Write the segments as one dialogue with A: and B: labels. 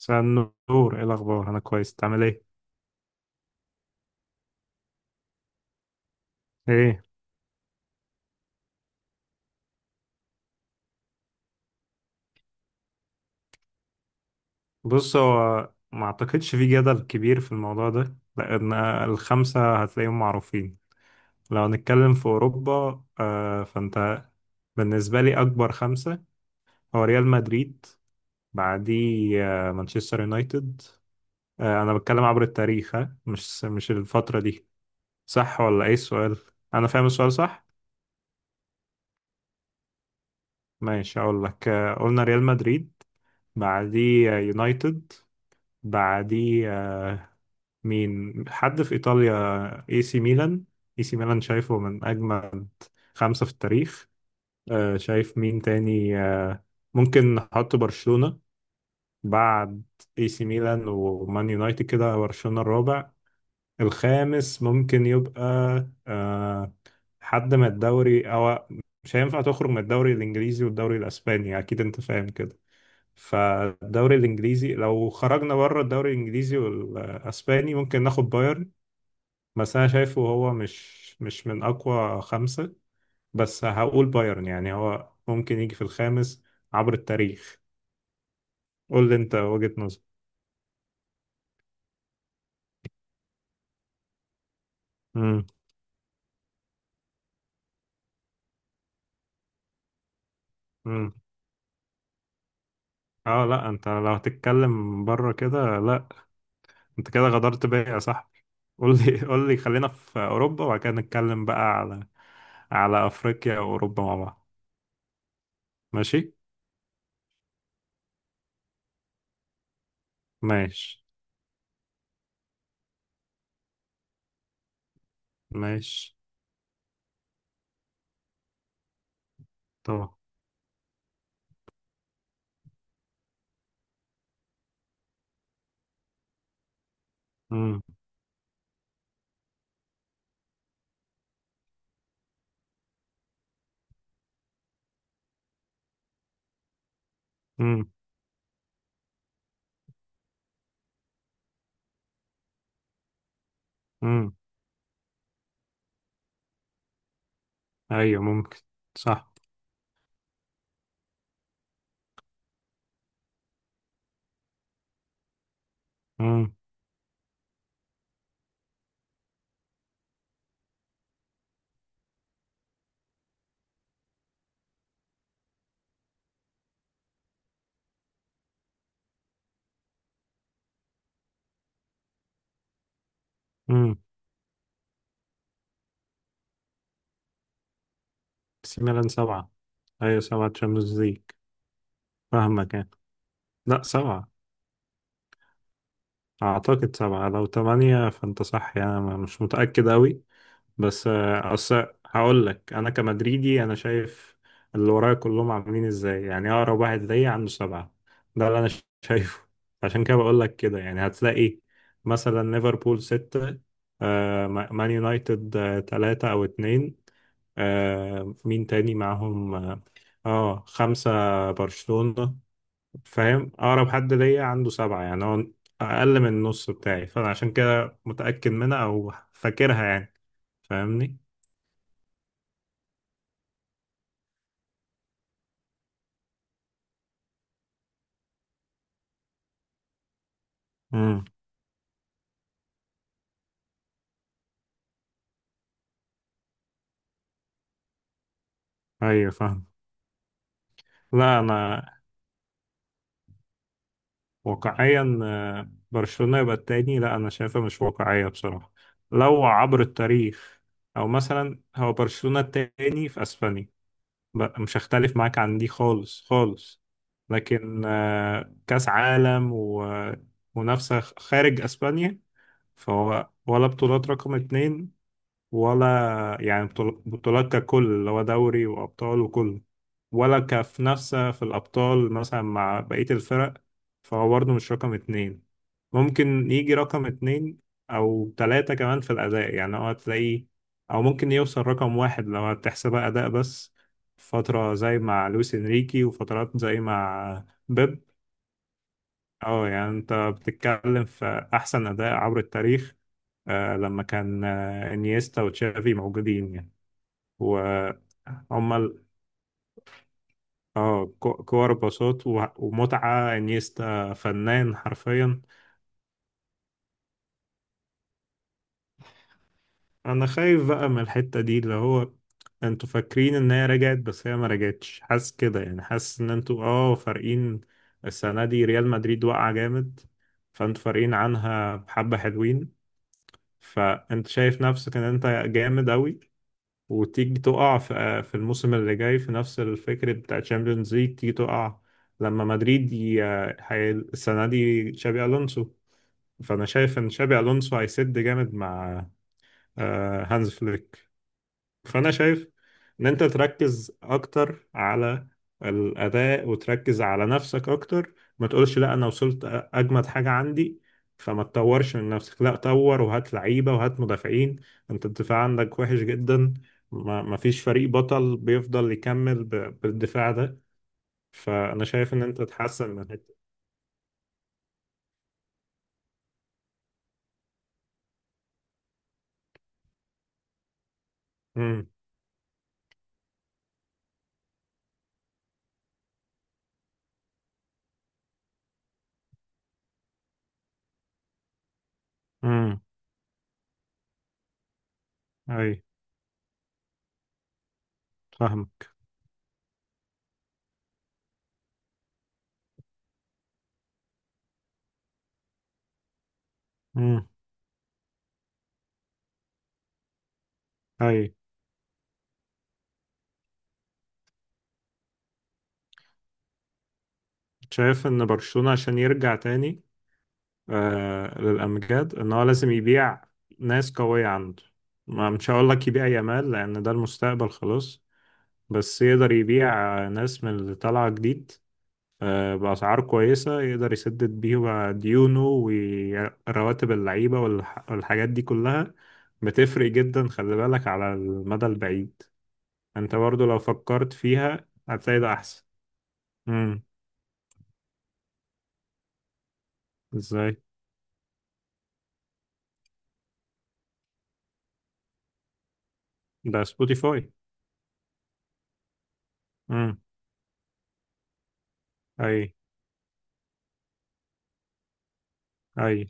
A: مساء النور، ايه الاخبار؟ انا كويس، تعمل ايه؟ ايه؟ بص، هو ما اعتقدش في جدل كبير في الموضوع ده، لان الخمسه هتلاقيهم معروفين. لو هنتكلم في اوروبا فانت بالنسبه لي اكبر خمسه، هو ريال مدريد. بعديه مانشستر يونايتد. انا بتكلم عبر التاريخ، ها، مش الفتره دي. صح ولا ايه السؤال؟ انا فاهم السؤال صح. ماشي، اقول لك. قلنا ريال مدريد. بعديه يونايتد. بعديه، مين حد في إيطاليا؟ اي سي ميلان. اي سي ميلان شايفه من أجمل خمسة في التاريخ. شايف مين تاني؟ ممكن نحط برشلونة بعد اي سي ميلان ومان يونايتد كده، برشلونة الرابع. الخامس ممكن يبقى آه، حد من الدوري، أو مش هينفع تخرج من الدوري الإنجليزي والدوري الأسباني، أكيد أنت فاهم كده. فالدوري الإنجليزي، لو خرجنا بره الدوري الإنجليزي والأسباني ممكن ناخد بايرن. بس انا شايفه هو مش من اقوى خمسة. بس هقول بايرن، يعني هو ممكن يجي في الخامس عبر التاريخ. قول لي انت وجهة نظر. امم. امم. اه لا، انت لو هتتكلم بره كده لا. انت كده غدرت بيا يا صاحبي. قول لي قول لي، خلينا في اوروبا وبعد كده نتكلم بقى على افريقيا واوروبا مع بعض. ماشي. ماشي. ماشي. طبعا. امم. امم. امم. ايوه، ممكن. صح. امم. امم. سي ميلان سبعة. أيوة، سبعة تشامبيونز ليج. فاهمك يعني. لا، سبعة. أعتقد سبعة، لو تمانية فأنت صح، يعني أنا مش متأكد أوي. بس أصل هقول لك، أنا كمدريدي أنا شايف اللي ورايا كلهم عاملين إزاي، يعني أقرب واحد ليا عنده سبعة. ده اللي أنا شايفه. عشان كده بقول لك كده، يعني هتلاقي مثلا ليفربول ستة، مان يونايتد تلاتة أو اتنين. مين تاني معاهم؟ اه، خمسة، برشلونة. فاهم؟ اقرب حد ليا عنده سبعة، يعني هو اقل من النص بتاعي، فانا عشان كده متأكد منها او فاكرها يعني. فاهمني. امم. ايوه فاهم. لا انا واقعيا برشلونة يبقى التاني؟ لا انا شايفها مش واقعية بصراحة لو عبر التاريخ. او مثلا هو برشلونة التاني في اسبانيا، مش هختلف معاك عن دي خالص خالص. لكن كاس عالم ومنافسة خارج اسبانيا، فهو ولا بطولات رقم اتنين، ولا يعني بطولات ككل اللي هو دوري وأبطال وكله، ولا كمنافسة في الأبطال مثلا مع بقية الفرق. فهو برضه مش رقم اتنين. ممكن يجي رقم اتنين أو تلاتة، كمان في الأداء يعني هو هتلاقيه، أو ممكن يوصل رقم واحد لو هتحسبها أداء بس، فترة زي مع لويس إنريكي وفترات زي مع بيب. اه، يعني انت بتتكلم في احسن اداء عبر التاريخ لما كان انيستا وتشافي موجودين يعني. وهم اه، كور باصات ومتعة، انيستا فنان حرفيا. انا خايف بقى من الحتة دي، اللي هو انتوا فاكرين ان هي رجعت، بس هي ما رجعتش، حاسس كده يعني، حاسس ان انتوا اه فارقين. السنة دي ريال مدريد واقعة جامد، فانتوا فارقين عنها بحبة حلوين، فانت شايف نفسك ان انت جامد اوي، وتيجي تقع في الموسم اللي جاي في نفس الفكرة بتاع تشامبيونز ليج، تيجي تقع لما مدريد السنة دي تشابي ألونسو. فأنا شايف إن تشابي ألونسو هيسد جامد مع هانز فليك. فانا شايف ان انت تركز اكتر على الاداء وتركز على نفسك اكتر، ما تقولش لا انا وصلت اجمد حاجه عندي. فما تطورش من نفسك، لا طور وهات لعيبه وهات مدافعين. انت الدفاع عندك وحش جدا. ما فيش فريق بطل بيفضل يكمل بالدفاع ده. فانا شايف ان انت تحسن من الحته. امم. امم. اي. فاهمك. امم. اي. شايف ان برشلونه عشان يرجع تاني للأمجاد، إن هو لازم يبيع ناس قوية عنده. ما مش هقول لك يبيع يامال، لأن ده المستقبل خلاص. بس يقدر يبيع ناس من اللي طالعة جديد بأسعار كويسة، يقدر يسدد بيها ديونه ورواتب اللعيبة والحاجات دي كلها. بتفرق جدا، خلي بالك على المدى البعيد. أنت برضو لو فكرت فيها هتلاقي ده أحسن. امم. إزاي؟ ده سبوتيفاي. امم. أي. أي.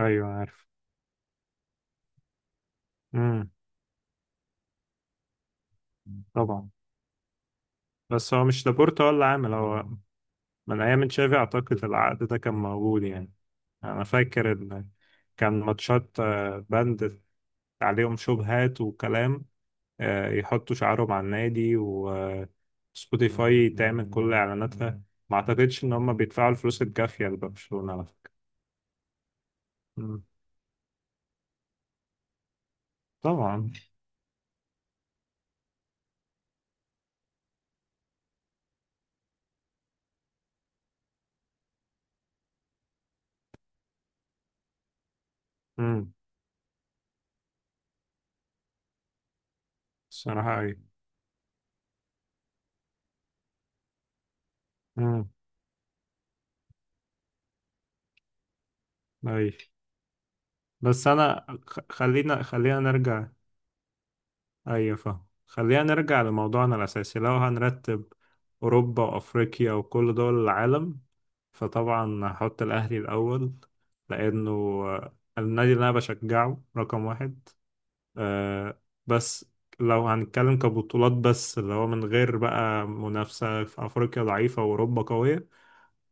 A: أيوة، عارف. مم. طبعا. بس هو مش لابورتا ولا عامل هو، من أيام تشافي أعتقد العقد ده كان موجود يعني. أنا فاكر إن كان ماتشات بند عليهم شبهات وكلام، يحطوا شعارهم على النادي وسبوتيفاي تعمل كل إعلاناتها. ما أعتقدش إن هم بيدفعوا الفلوس الكافية لبرشلونة على فكرة. مم. طبعا. مم. الصراحة أي. مم. أي. بس أنا خلينا نرجع. ايوه فاهم، خلينا نرجع لموضوعنا الاساسي. لو هنرتب اوروبا وافريقيا وكل دول العالم، فطبعا هحط الاهلي الاول، لانه النادي اللي انا بشجعه رقم واحد. آه، بس لو هنتكلم كبطولات بس اللي هو من غير بقى منافسة في افريقيا ضعيفة واوروبا قوية،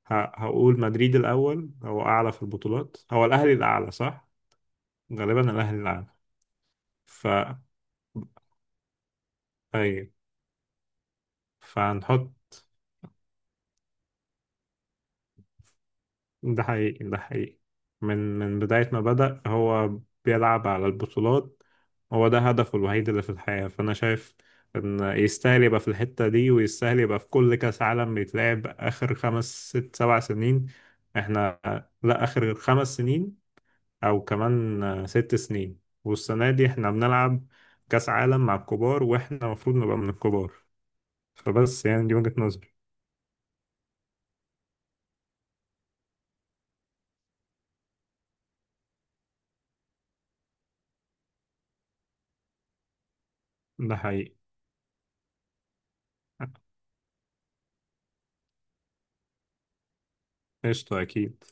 A: هقول مدريد الاول. هو اعلى في البطولات؟ هو الاهلي الاعلى صح. غالبا الاهلي الاعلى. ف ايوه، فهنحط. ده حقيقي، ده حقيقي. من بداية ما بدأ هو بيلعب على البطولات، هو ده هدفه الوحيد اللي في الحياة. فأنا شايف إن يستاهل يبقى في الحتة دي، ويستاهل يبقى في كل كأس عالم بيتلعب آخر 5 6 7 سنين. إحنا، لا آخر 5 سنين أو كمان 6 سنين، والسنة دي إحنا بنلعب كأس عالم مع الكبار، وإحنا المفروض نبقى من الكبار. فبس يعني دي وجهة نظري. ده حقيقي. قشطة أكيد.